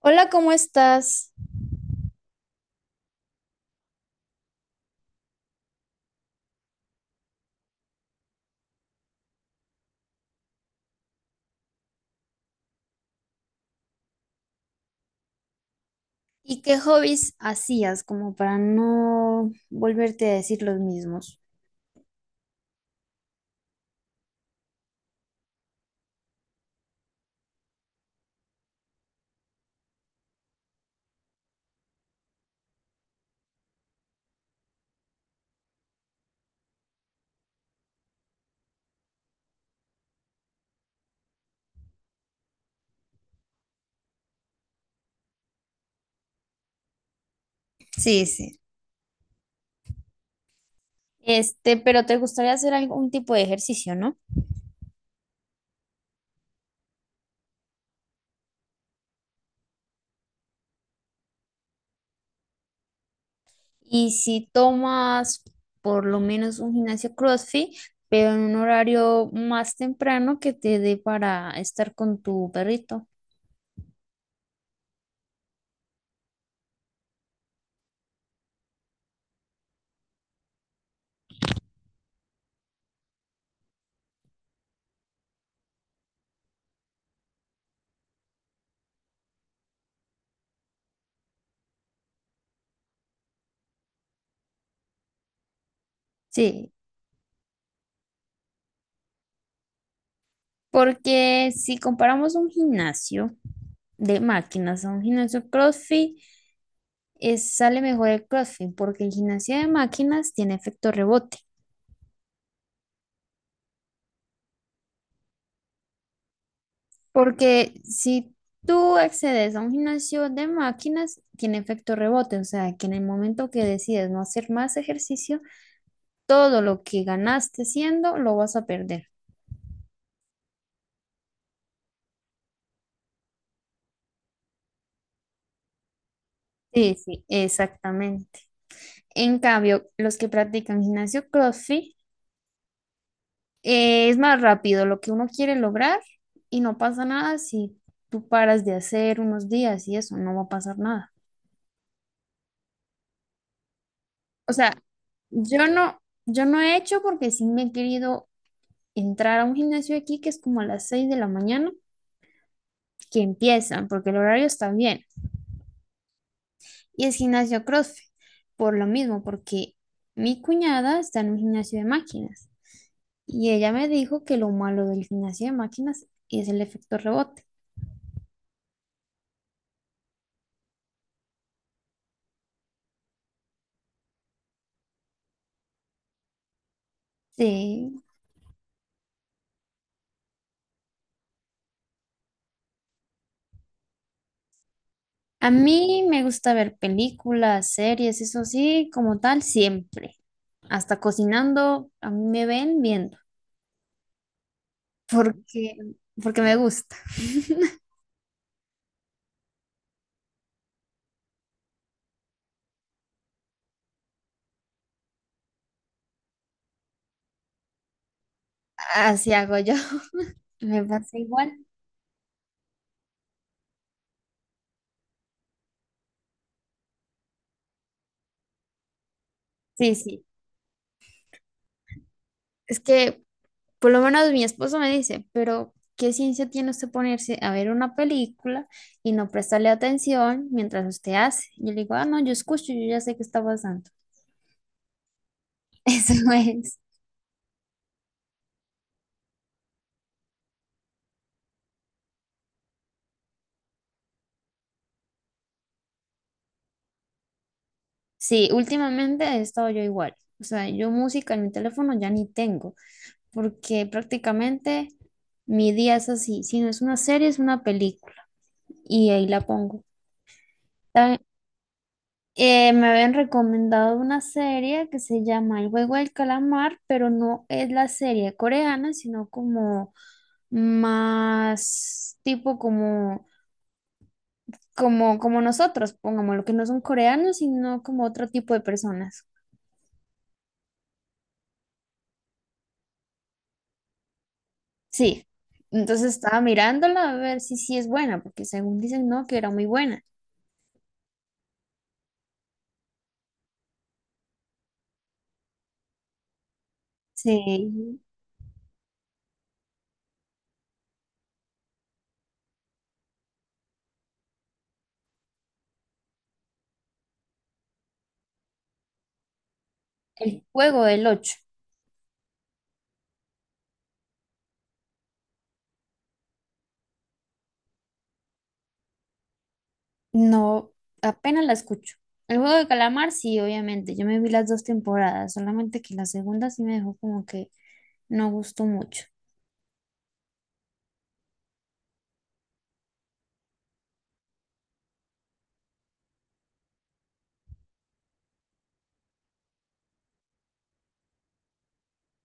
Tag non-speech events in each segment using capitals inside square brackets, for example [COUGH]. Hola, ¿cómo estás? ¿Y qué hobbies hacías como para no volverte a decir los mismos? Sí, sí. Este, pero te gustaría hacer algún tipo de ejercicio, ¿no? Y si tomas por lo menos un gimnasio CrossFit, pero en un horario más temprano que te dé para estar con tu perrito. Sí, porque si comparamos un gimnasio de máquinas a un gimnasio CrossFit, es, sale mejor el CrossFit porque el gimnasio de máquinas tiene efecto rebote. Porque si tú accedes a un gimnasio de máquinas, tiene efecto rebote. O sea, que en el momento que decides no hacer más ejercicio, todo lo que ganaste siendo lo vas a perder. Sí, sí, exactamente. En cambio, los que practican gimnasio CrossFit, es más rápido lo que uno quiere lograr y no pasa nada si tú paras de hacer unos días y eso, no va a pasar nada. O sea, yo no, yo no he hecho porque sí me he querido entrar a un gimnasio aquí que es como a las 6 de la mañana que empiezan, porque el horario está bien. Y es gimnasio CrossFit, por lo mismo, porque mi cuñada está en un gimnasio de máquinas y ella me dijo que lo malo del gimnasio de máquinas es el efecto rebote. Sí. A mí me gusta ver películas, series, eso sí, como tal, siempre. Hasta cocinando, a mí me ven bien porque, porque me gusta. [LAUGHS] Así hago yo. [LAUGHS] Me pasa igual. Sí, sí. Es que por lo menos mi esposo me dice, pero ¿qué ciencia tiene usted ponerse a ver una película y no prestarle atención mientras usted hace? Yo le digo, ah, no, yo escucho, yo ya sé qué está pasando. [LAUGHS] Eso es. Sí, últimamente he estado yo igual. O sea, yo música en mi teléfono ya ni tengo, porque prácticamente mi día es así. Si no es una serie, es una película. Y ahí la pongo. Tan me habían recomendado una serie que se llama El juego del calamar, pero no es la serie coreana, sino como más tipo como nosotros, pongámoslo, que no son coreanos, sino como otro tipo de personas. Sí, entonces estaba mirándola a ver si sí es buena, porque según dicen, no, que era muy buena. Sí, el juego del ocho. No, apenas la escucho. El juego de calamar, sí, obviamente. Yo me vi las dos temporadas, solamente que la segunda sí me dejó como que no gustó mucho.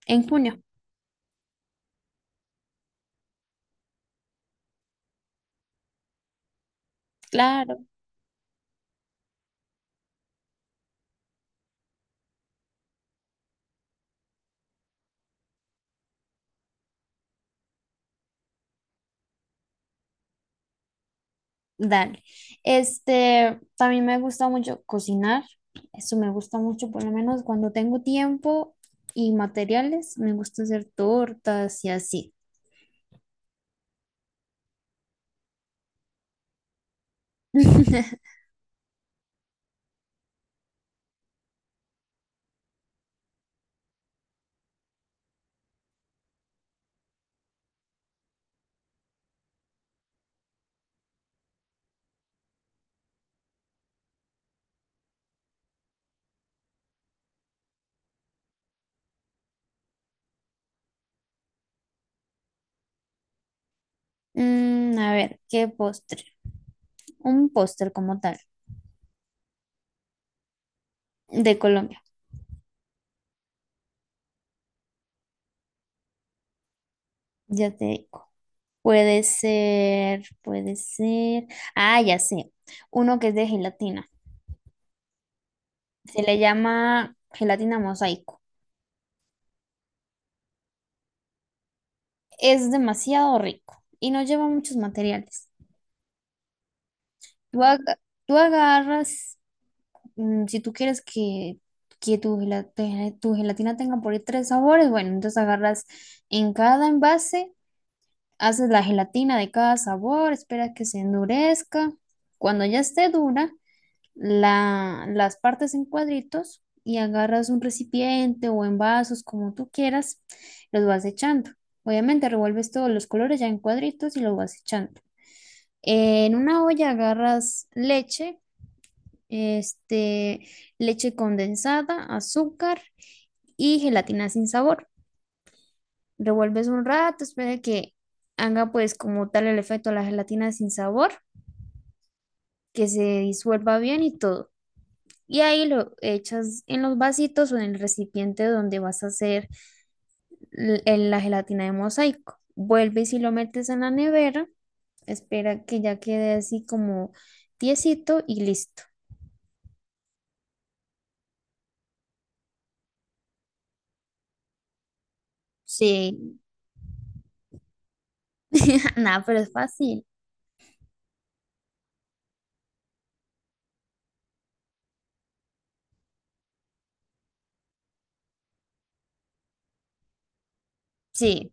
En junio, claro, dale. Este, también me gusta mucho cocinar. Eso me gusta mucho, por lo menos cuando tengo tiempo y materiales, me gusta hacer tortas y así. [LAUGHS] Mm, a ver, ¿qué postre? Un postre como tal, de Colombia. Ya te digo. Puede ser, puede ser. Ah, ya sé. Uno que es de gelatina. Se le llama gelatina mosaico. Es demasiado rico y no lleva muchos materiales. Tú, aga- tú agarras, mm, si tú quieres que tu gelatina tenga por ahí 3 sabores, bueno, entonces agarras en cada envase, haces la gelatina de cada sabor, esperas que se endurezca. Cuando ya esté dura, las partes en cuadritos y agarras un recipiente o en vasos, como tú quieras, los vas echando. Obviamente revuelves todos los colores ya en cuadritos y los vas echando. En una olla agarras leche, este, leche condensada, azúcar y gelatina sin sabor. Revuelves un rato, espera que haga pues como tal el efecto de la gelatina sin sabor, que se disuelva bien y todo. Y ahí lo echas en los vasitos o en el recipiente donde vas a hacer la gelatina de mosaico. Vuelves y si lo metes en la nevera, espera que ya quede así como tiesito y listo. Sí, [LAUGHS] nada, pero es fácil. Sí,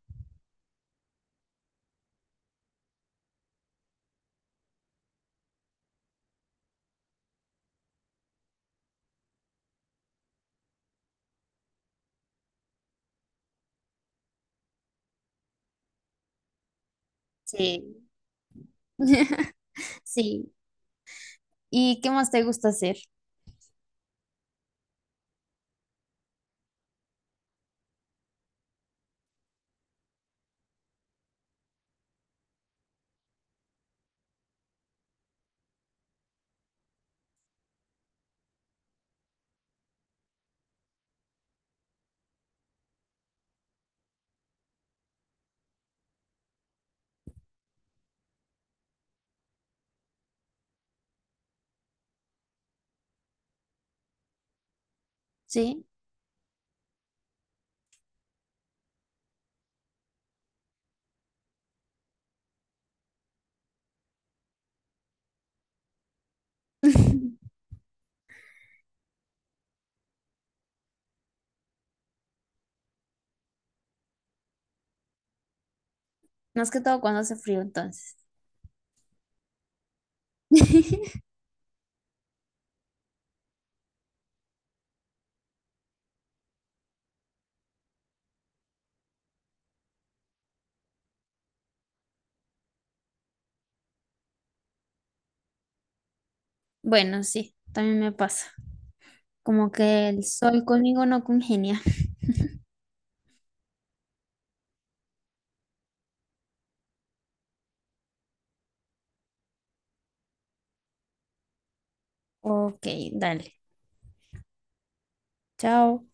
sí, [LAUGHS] sí. ¿Y qué más te gusta hacer? Sí. [LAUGHS] Más que todo cuando hace frío, entonces. [LAUGHS] Bueno, sí, también me pasa. Como que el sol conmigo no congenia. Ok, dale. Chao.